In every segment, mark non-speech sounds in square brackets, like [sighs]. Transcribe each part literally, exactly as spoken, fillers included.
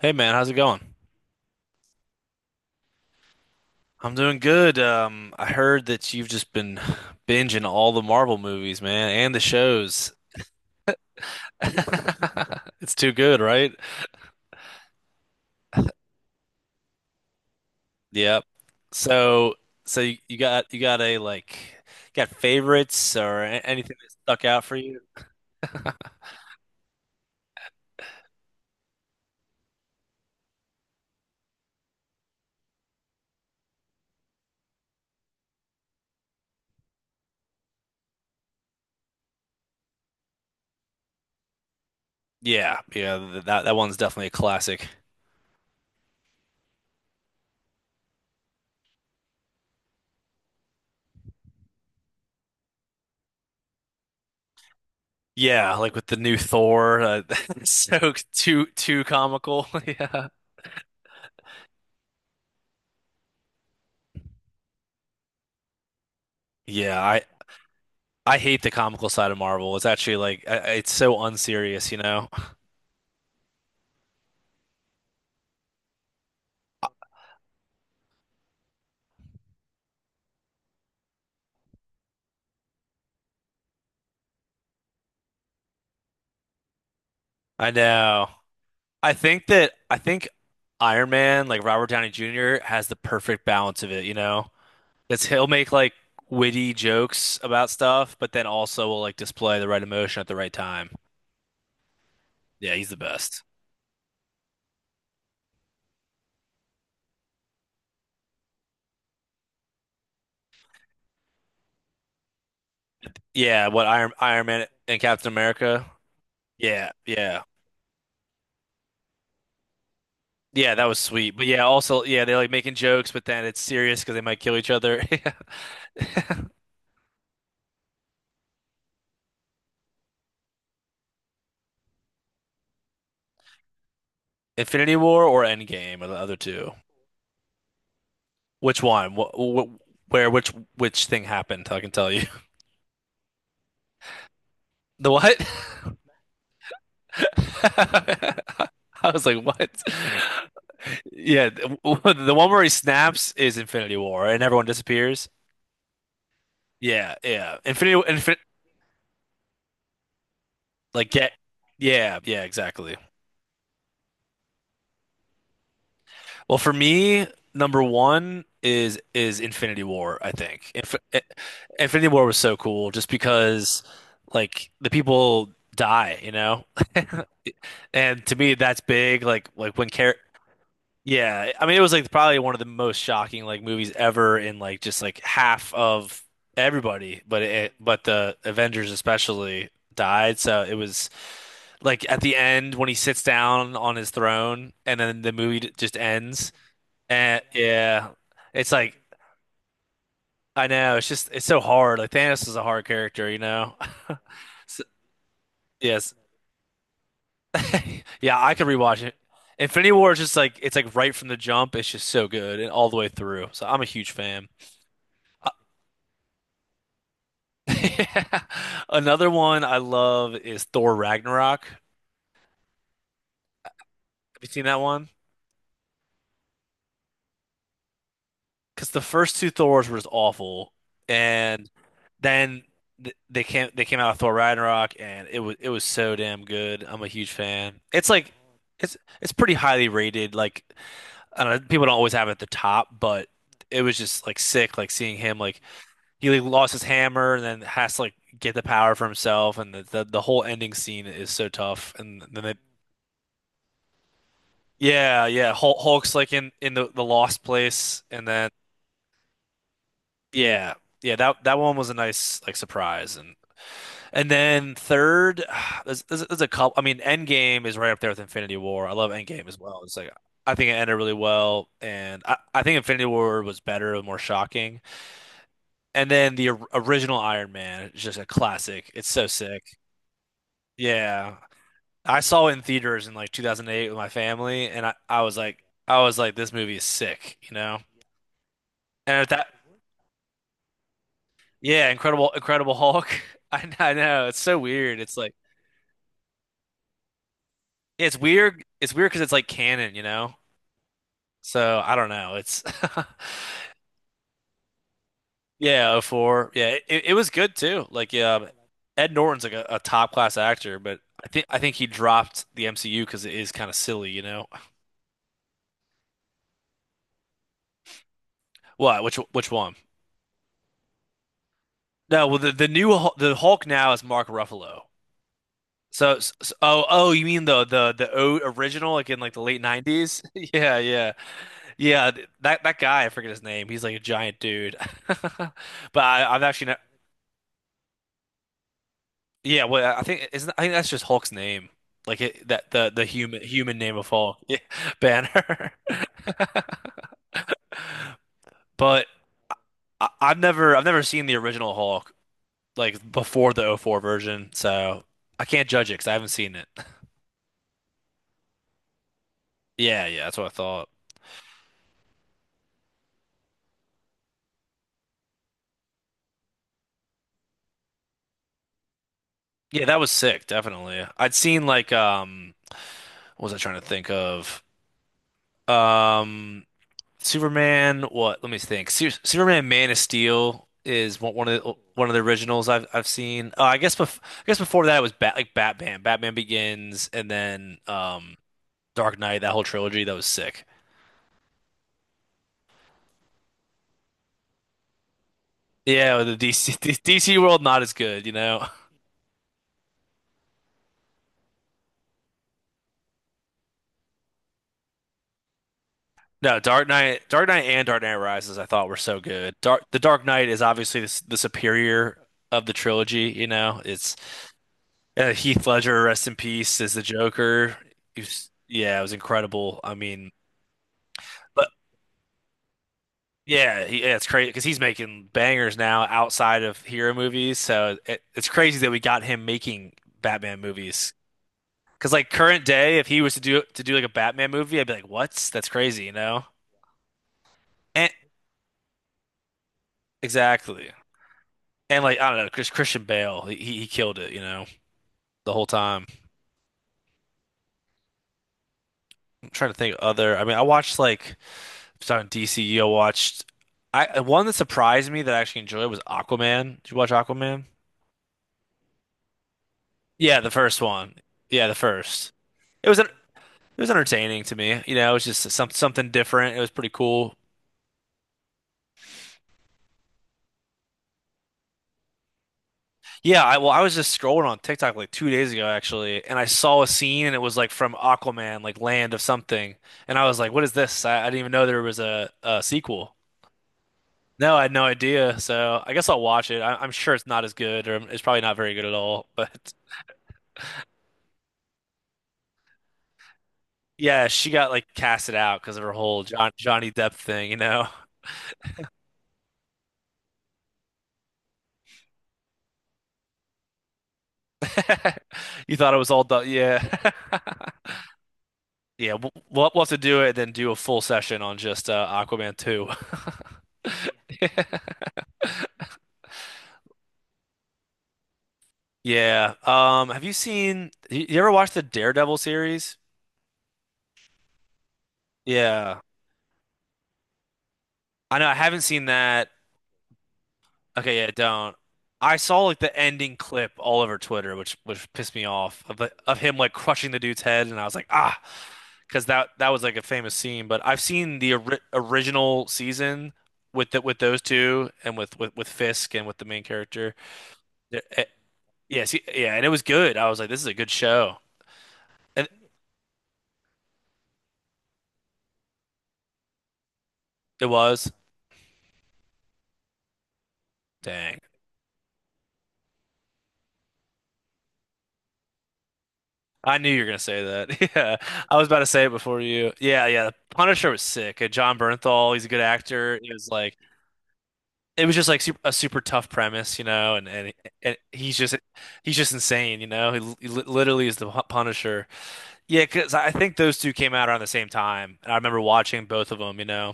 Hey man, how's it going? I'm doing good. Um, I heard that you've just been binging all the Marvel movies, man, and the shows. [laughs] It's too good, right? Yep. So, so you you got you got a like got favorites or a- anything that stuck out for you? Yeah, yeah, th- that that one's definitely a classic. Yeah, like with the new Thor, uh, [laughs] so too too comical. [laughs] Yeah. Yeah, I I hate the comical side of Marvel. It's actually like I- it's so unserious, you know? I know. I think that I think Iron Man, like Robert Downey Junior, has the perfect balance of it, you know? It's he'll make like witty jokes about stuff, but then also will like display the right emotion at the right time. Yeah, he's the best. Yeah, what Iron Iron Man and Captain America? Yeah, yeah. Yeah, that was sweet. But yeah, also yeah, they're like making jokes, but then it's serious because they might kill each other. [laughs] Yeah. [laughs] Infinity War or Endgame or the other two? Which one? What, what, where? Which which thing happened? I can tell you. [laughs] The what? [laughs] I was like, what? Yeah, the the one where he snaps is Infinity War and everyone disappears. Yeah, yeah. Infinity, infin like get. Yeah, yeah, exactly. Well, for me, number one is is Infinity War, I think. Inf eh, Infinity War was so cool just because like the people die, you know? [laughs] And to me that's big like like when care yeah, I mean it was like probably one of the most shocking like movies ever in like just like half of everybody, but it but the Avengers especially died, so it was like at the end when he sits down on his throne and then the movie d- just ends and yeah, it's like I know it's just it's so hard. Like Thanos is a hard character, you know. [laughs] So- yes, yeah, I could rewatch it. Infinity War is just like it's like right from the jump. It's just so good and all the way through. So I'm a huge fan. Uh, [laughs] Another one I love is Thor Ragnarok. Have you seen that one? Because the first two Thors were just awful, and then th they came they came out of Thor Ragnarok, and it was it was so damn good. I'm a huge fan. It's like it's it's pretty highly rated. Like I don't know, people don't always have it at the top, but it was just like sick. Like seeing him like he like lost his hammer and then has to like get the power for himself, and the the, the whole ending scene is so tough. And then they, yeah yeah Hulk, Hulk's like in in the the lost place, and then. Yeah. Yeah, that that one was a nice like surprise and and then third [sighs] there's, there's, there's a couple. I mean Endgame is right up there with Infinity War. I love Endgame as well. It's like I think it ended really well and I, I think Infinity War was better and more shocking. And then the or- original Iron Man is just a classic. It's so sick. Yeah. I saw it in theaters in like two thousand eight with my family and I, I was like I was like this movie is sick, you know. And at that yeah, Incredible Incredible Hulk. [laughs] I, I know. It's so weird. It's like it's weird. It's weird because it's like canon, you know? So I don't know. It's [laughs] yeah, oh 04. Yeah, it, it was good too. Like yeah, um, Ed Norton's like a, a top class actor, but I think I think he dropped the M C U because it is kind of silly, you know? What? Which which one? No, well the the new Hul- the Hulk now is Mark Ruffalo. So, s oh oh, you mean the the the o original like in like the late nineties? [laughs] Yeah, yeah. Yeah, th- that that guy, I forget his name. He's like a giant dude. [laughs] But I, I've actually ne Yeah, well, I think isn't I think that's just Hulk's name, like it, that the the human human name of Hulk, yeah, [laughs] Banner. [laughs] But I, I've never I've never seen the original Hulk like before the O four version, so I can't judge it because I haven't seen it. [laughs] Yeah, yeah, that's what I thought. Yeah, that was sick, definitely. I'd seen like um, what was I trying to think of? Um, Superman, what? Let me think. Su Superman Man of Steel is one, one of the one of the originals I've I've seen. Uh, I guess bef I guess before that it was Bat like Batman, Batman Begins, and then um Dark Knight. That whole trilogy that was sick. Yeah, the D C D C [laughs] world not as good, you know. [laughs] No, Dark Knight, Dark Knight and Dark Knight Rises I thought were so good. Dark the Dark Knight is obviously the, s- the superior of the trilogy, you know. It's Uh, Heath Ledger, rest in peace, as the Joker. He was, yeah, it was incredible. I mean, but yeah, he, yeah, it's crazy because he's making bangers now outside of hero movies. So it, it's crazy that we got him making Batman movies. Because like current day, if he was to do to do like a Batman movie, I'd be like, what? That's crazy, you know? And exactly. And like I don't know, Chris, Christian Bale, he he he killed it, you know, the whole time. I'm trying to think of other. I mean, I watched like. So in D C U, watched I one that surprised me that I actually enjoyed was Aquaman. Did you watch Aquaman? Yeah, the first one. Yeah, the first. It was en- it was entertaining to me. You know, it was just some something different. It was pretty cool. Yeah, I well, I was just scrolling on TikTok like two days ago actually, and I saw a scene and it was like from Aquaman, like Land of Something, and I was like, "What is this?" I, I didn't even know there was a, a sequel. No, I had no idea. So I guess I'll watch it. I, I'm sure it's not as good, or it's probably not very good at all. [laughs] But yeah, she got like casted out because of her whole John, Johnny Depp thing, you know. [laughs] You thought it was all done. Yeah. [laughs] Yeah, we'll, we'll we'll have to do it and then do a full session on just uh, Aquaman two. [laughs] Yeah. Um, have you seen you you ever watched the Daredevil series? Yeah. I know I haven't seen that. Okay, yeah, don't. I saw like the ending clip all over Twitter, which which pissed me off of the, of him like crushing the dude's head, and I was like, ah, because that that was like a famous scene. But I've seen the ori original season with the, with those two and with, with with Fisk and with the main character. The- eh, Yes, y- yeah, and it was good. I was like, this is a good show, and it was. Dang, I knew you were gonna say that. [laughs] Yeah, I was about to say it before you. Yeah, yeah, Punisher was sick. And John Bernthal, he's a good actor. He was like. It was just like super, a super tough premise, you know, and and, and he's just he's just insane, you know. He, li- he li- literally is the Pu- Punisher. Yeah, because I think those two came out around the same time, and I remember watching both of them, you know.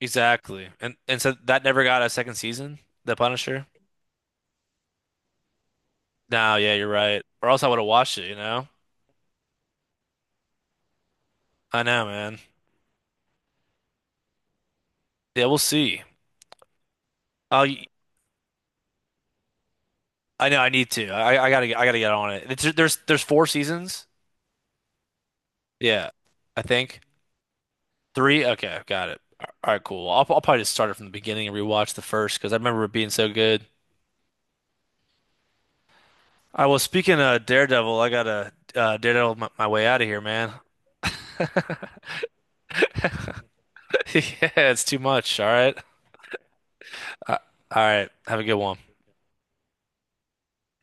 Exactly, and and so that never got a second season, The Punisher. No, yeah, you're right. Or else I would have watched it, you know. I know, man. Yeah, we'll see. Oh, I know. I need to. I I gotta get- I gotta get on it. It's, there's there's four seasons. Yeah, I think. Three? Okay, got it. All right, cool. I'll, I'll probably just start it from the beginning and rewatch the first because I remember it being so good. I was speaking of Daredevil, I gotta uh, Daredevil my, my way out of here, man. [laughs] Yeah, it's too much. All right. Uh, all right. Have a good one.